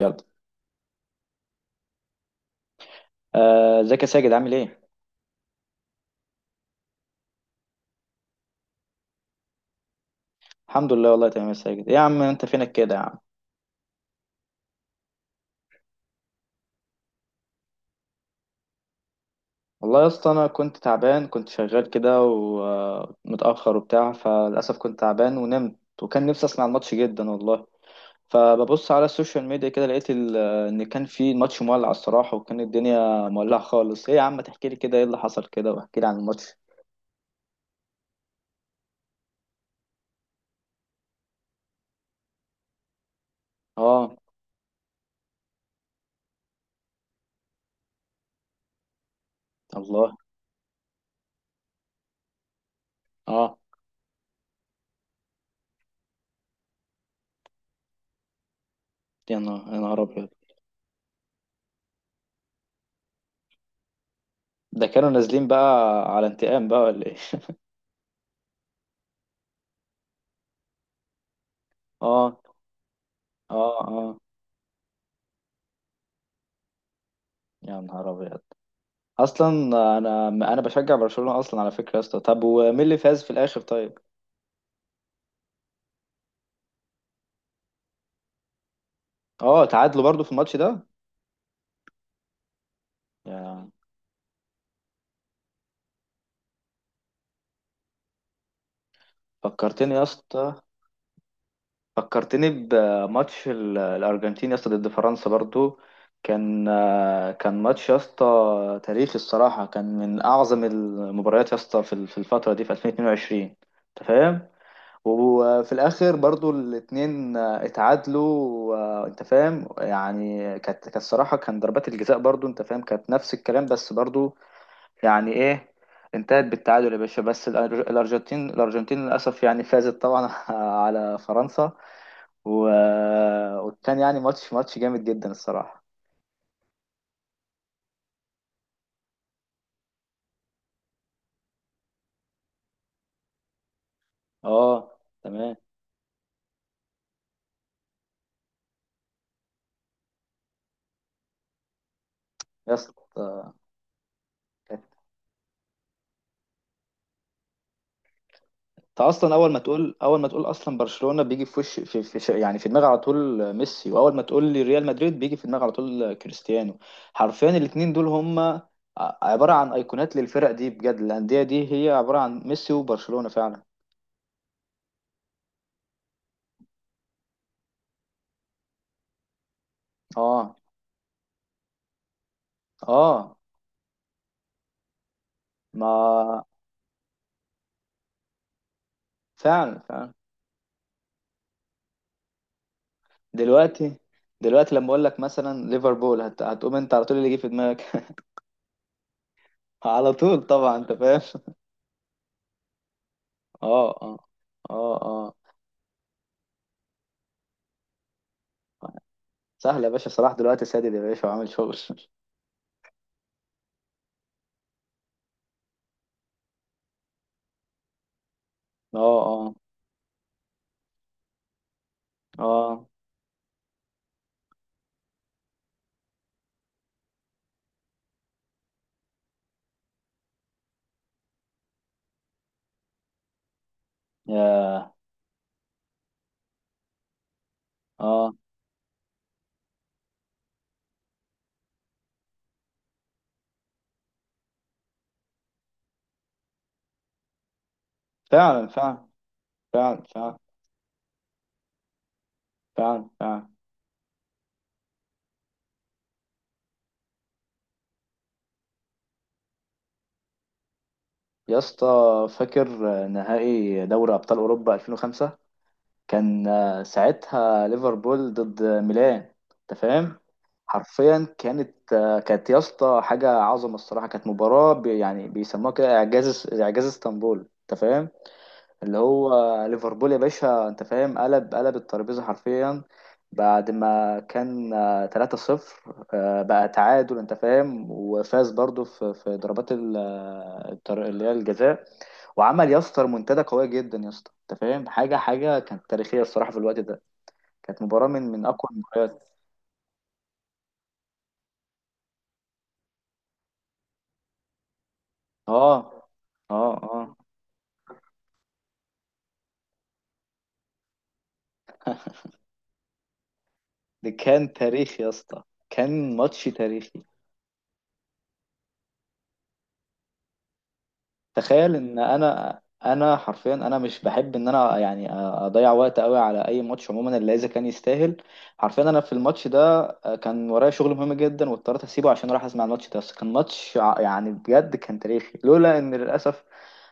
يلا. ازيك يا ساجد، عامل ايه؟ الحمد لله، والله تمام يا ساجد. ايه يا عم، انت فينك كده يا عم؟ والله يا اسطى انا كنت تعبان، كنت شغال كده ومتاخر وبتاع، فللاسف كنت تعبان ونمت. وكان نفسي اسمع الماتش جدا والله. فببص على السوشيال ميديا كده لقيت ان كان في ماتش مولع الصراحه، وكان الدنيا مولعه خالص. ايه يا عم، تحكي لي كده ايه اللي حصل كده، واحكي لي عن الماتش. اه. الله. اه. يا نهار، يا نهار ابيض. ده كانوا نازلين بقى على انتقام بقى ولا ايه؟ اه اه. اه، يا نهار ابيض اصلا. انا بشجع برشلونة اصلا على فكرة يا اسطى. طب ومين اللي فاز في الاخر طيب؟ اه، تعادلوا برضو في الماتش ده؟ يا، فكرتني يا اسطى، فكرتني بماتش الارجنتين يا اسطى ضد فرنسا برضو. كان، كان ماتش يا اسطى تاريخي الصراحة، كان من اعظم المباريات يا اسطى في الفترة دي، في 2022. انت فاهم. وفي الاخر برضو الاتنين اتعادلوا. انت فاهم، يعني كانت الصراحه كان ضربات الجزاء برضو، انت فاهم، كانت نفس الكلام بس برضو. يعني ايه، انتهت بالتعادل يا باشا. بس الارجنتين للاسف يعني فازت طبعا على فرنسا. و... وكان يعني ماتش جامد جدا الصراحه. اه تمام. يا اسطى انت اصلا اول ما تقول اصلا برشلونة، بيجي في وش يعني في دماغي على طول ميسي، واول ما تقول لي ريال مدريد بيجي في دماغي على طول كريستيانو. حرفيا الاتنين دول هم عبارة عن ايقونات للفرق دي بجد، الاندية دي هي عبارة عن ميسي وبرشلونة فعلا. اه اه. ما، فعلا فعلا. دلوقتي دلوقتي لما اقول لك مثلا ليفربول، هتقوم انت على طول، اللي يجي في دماغك على طول طبعا، انت فاهم اه اه. اه اه. سهل يا باشا، صلاح دلوقتي سادد يا باشا وعامل شغل اه اه. اه يا. اه. فعلا فعلا فعلا. فعلا فعلا فعلا. يا اسطى فاكر نهائي دوري ابطال اوروبا 2005؟ كان ساعتها ليفربول ضد ميلان. انت فاهم. حرفيا كانت، كانت يا اسطى حاجه عظمه الصراحه، كانت مباراه بي يعني بيسموها كده اعجاز، اعجاز اسطنبول. انت فاهم. اللي هو ليفربول يا باشا، انت فاهم، قلب، قلب الترابيزه حرفيا. بعد ما كان 3-0، بقى تعادل، انت فاهم، وفاز برضو في ضربات اللي هي الجزاء. وعمل يا اسطى منتدى قويه جدا يا اسطى، انت فاهم، حاجه، حاجه كانت تاريخيه الصراحه في الوقت ده، كانت مباراه من اقوى المباريات. اه اه اه. دي كان تاريخ يا اسطى، كان ماتش تاريخي. تخيل ان انا حرفيا، انا مش بحب ان انا يعني اضيع وقت قوي على اي ماتش عموما الا اذا كان يستاهل. حرفيا انا في الماتش ده، كان ورايا شغل مهم جدا واضطريت اسيبه عشان اروح اسمع الماتش ده، بس كان ماتش يعني بجد كان تاريخي، لولا ان للاسف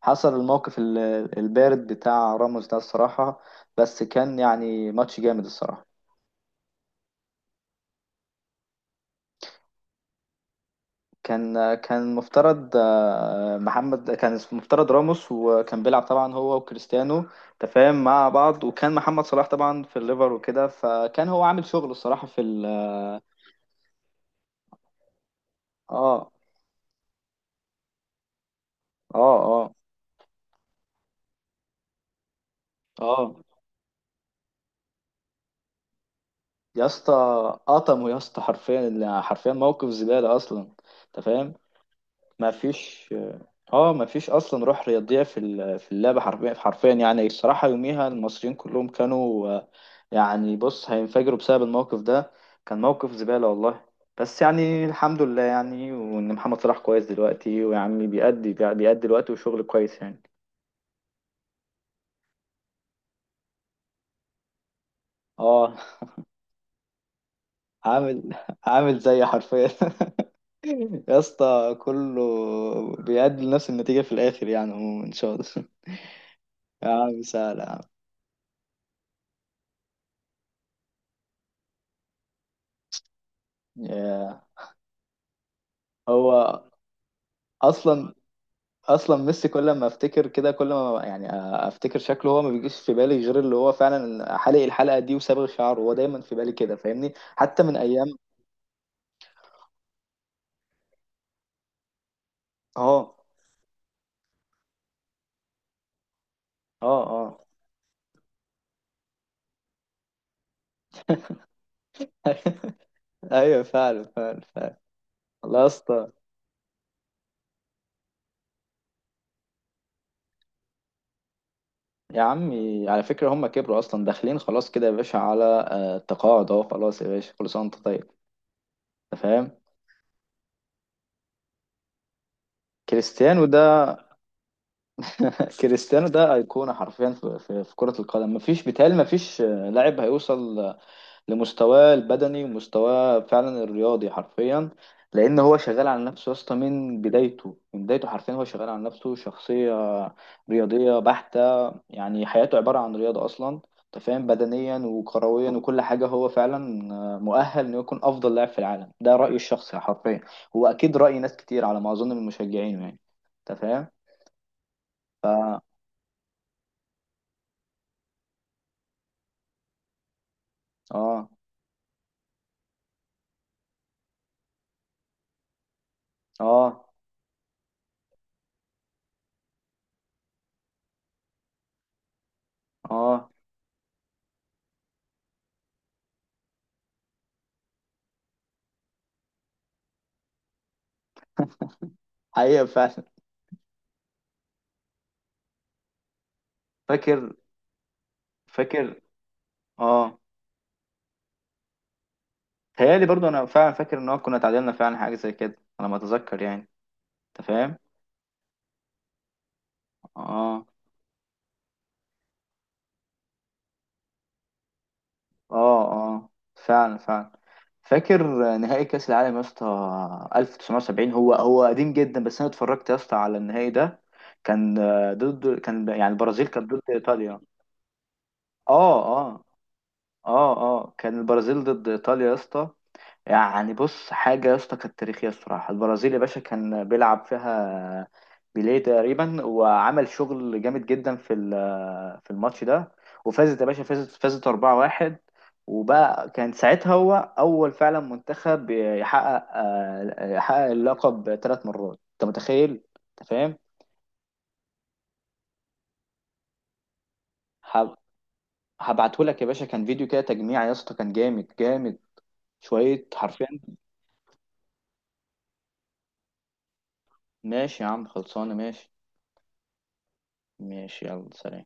حصل الموقف البارد بتاع راموس ده الصراحة. بس كان يعني ماتش جامد الصراحة. كان، كان مفترض، محمد، كان اسمه مفترض راموس، وكان بيلعب طبعا هو وكريستيانو تفاهم مع بعض، وكان محمد صلاح طبعا في الليفر وكده، فكان هو عامل شغل الصراحة في ال. اه اه اه اه. يا اسطى قطمه يا اسطى، حرفيا حرفيا موقف زبالة اصلا. انت فاهم. ما فيش. اه مفيش اصلا روح رياضيه في في اللعبه، حرفيا حرفيا يعني. الصراحه يوميها المصريين كلهم كانوا يعني بص هينفجروا بسبب الموقف ده. كان موقف زباله والله. بس يعني الحمد لله يعني، وان محمد صلاح كويس دلوقتي، ويعني بيأدي الوقت وشغل كويس يعني. اه. عامل عامل زي، حرفيا يا اسطى كله بيأدي لنفس النتيجه في الاخر يعني عموما ان شاء الله. يا عم سهل يا عم. ياه. هو اصلا، اصلا ميسي كل ما افتكر كده، كل ما يعني افتكر شكله هو، ما بيجيش في بالي غير اللي هو فعلا حالق الحلقه دي وصابغ شعره، هو دايما في بالي كده فاهمني، حتى من ايام. اه اه اه. ايوه فعلا فعلا فعلا. والله يا اسطى. يا عمي على فكره هم كبروا اصلا، داخلين خلاص كده يا باشا على التقاعد اهو، خلاص يا باشا، كل سنه وانت طيب. انت فاهم. كريستيانو ده، كريستيانو ده ايقونه حرفيا في, في, في كره القدم. مفيش، بيتهيألي مفيش لاعب هيوصل لمستواه البدني ومستواه فعلا الرياضي حرفيا. لان هو شغال على نفسه يا اسطى من بدايته، حرفيا هو شغال على نفسه، شخصيه رياضيه بحته، يعني حياته عباره عن رياضه اصلا. انت فاهم، بدنيا وكرويا وكل حاجه، هو فعلا مؤهل انه يكون افضل لاعب في العالم. ده رايي الشخصي حرفيا، هو اكيد راي ناس كتير على ما اظن من مشجعينه يعني. انت فاهم. اه اه اه. حقيقه فعلا. فاكر، فاكر. اه. تهيألي برضو انا فعلا فاكر ان هو كنا اتعادلنا فعلا حاجه زي كده على ما اتذكر يعني. انت فاهم. اه اه اه. فعلا فعلا. فاكر نهائي كاس العالم يا اسطى 1970. هو، هو قديم جدا بس انا اتفرجت يا اسطى على النهائي ده. كان، ضد، كان يعني البرازيل كانت ضد ايطاليا. اه اه. اه اه. كان البرازيل ضد ايطاليا يا اسطى. يعني بص حاجة يا اسطى كانت تاريخية الصراحة. البرازيل يا باشا كان بيلعب فيها بيليه تقريبا، وعمل شغل جامد جدا في في الماتش ده. وفازت يا باشا، فازت 4-1. وبقى كان ساعتها هو أول فعلا منتخب يحقق، يحقق اللقب 3 مرات. أنت متخيل؟ أنت فاهم؟ هب- هبعتهولك يا باشا، كان فيديو كده تجميع يا اسطى، كان جامد، جامد شوية حرفيا. ماشي يا عم، خلصانة ماشي. ماشي، يلا سلام.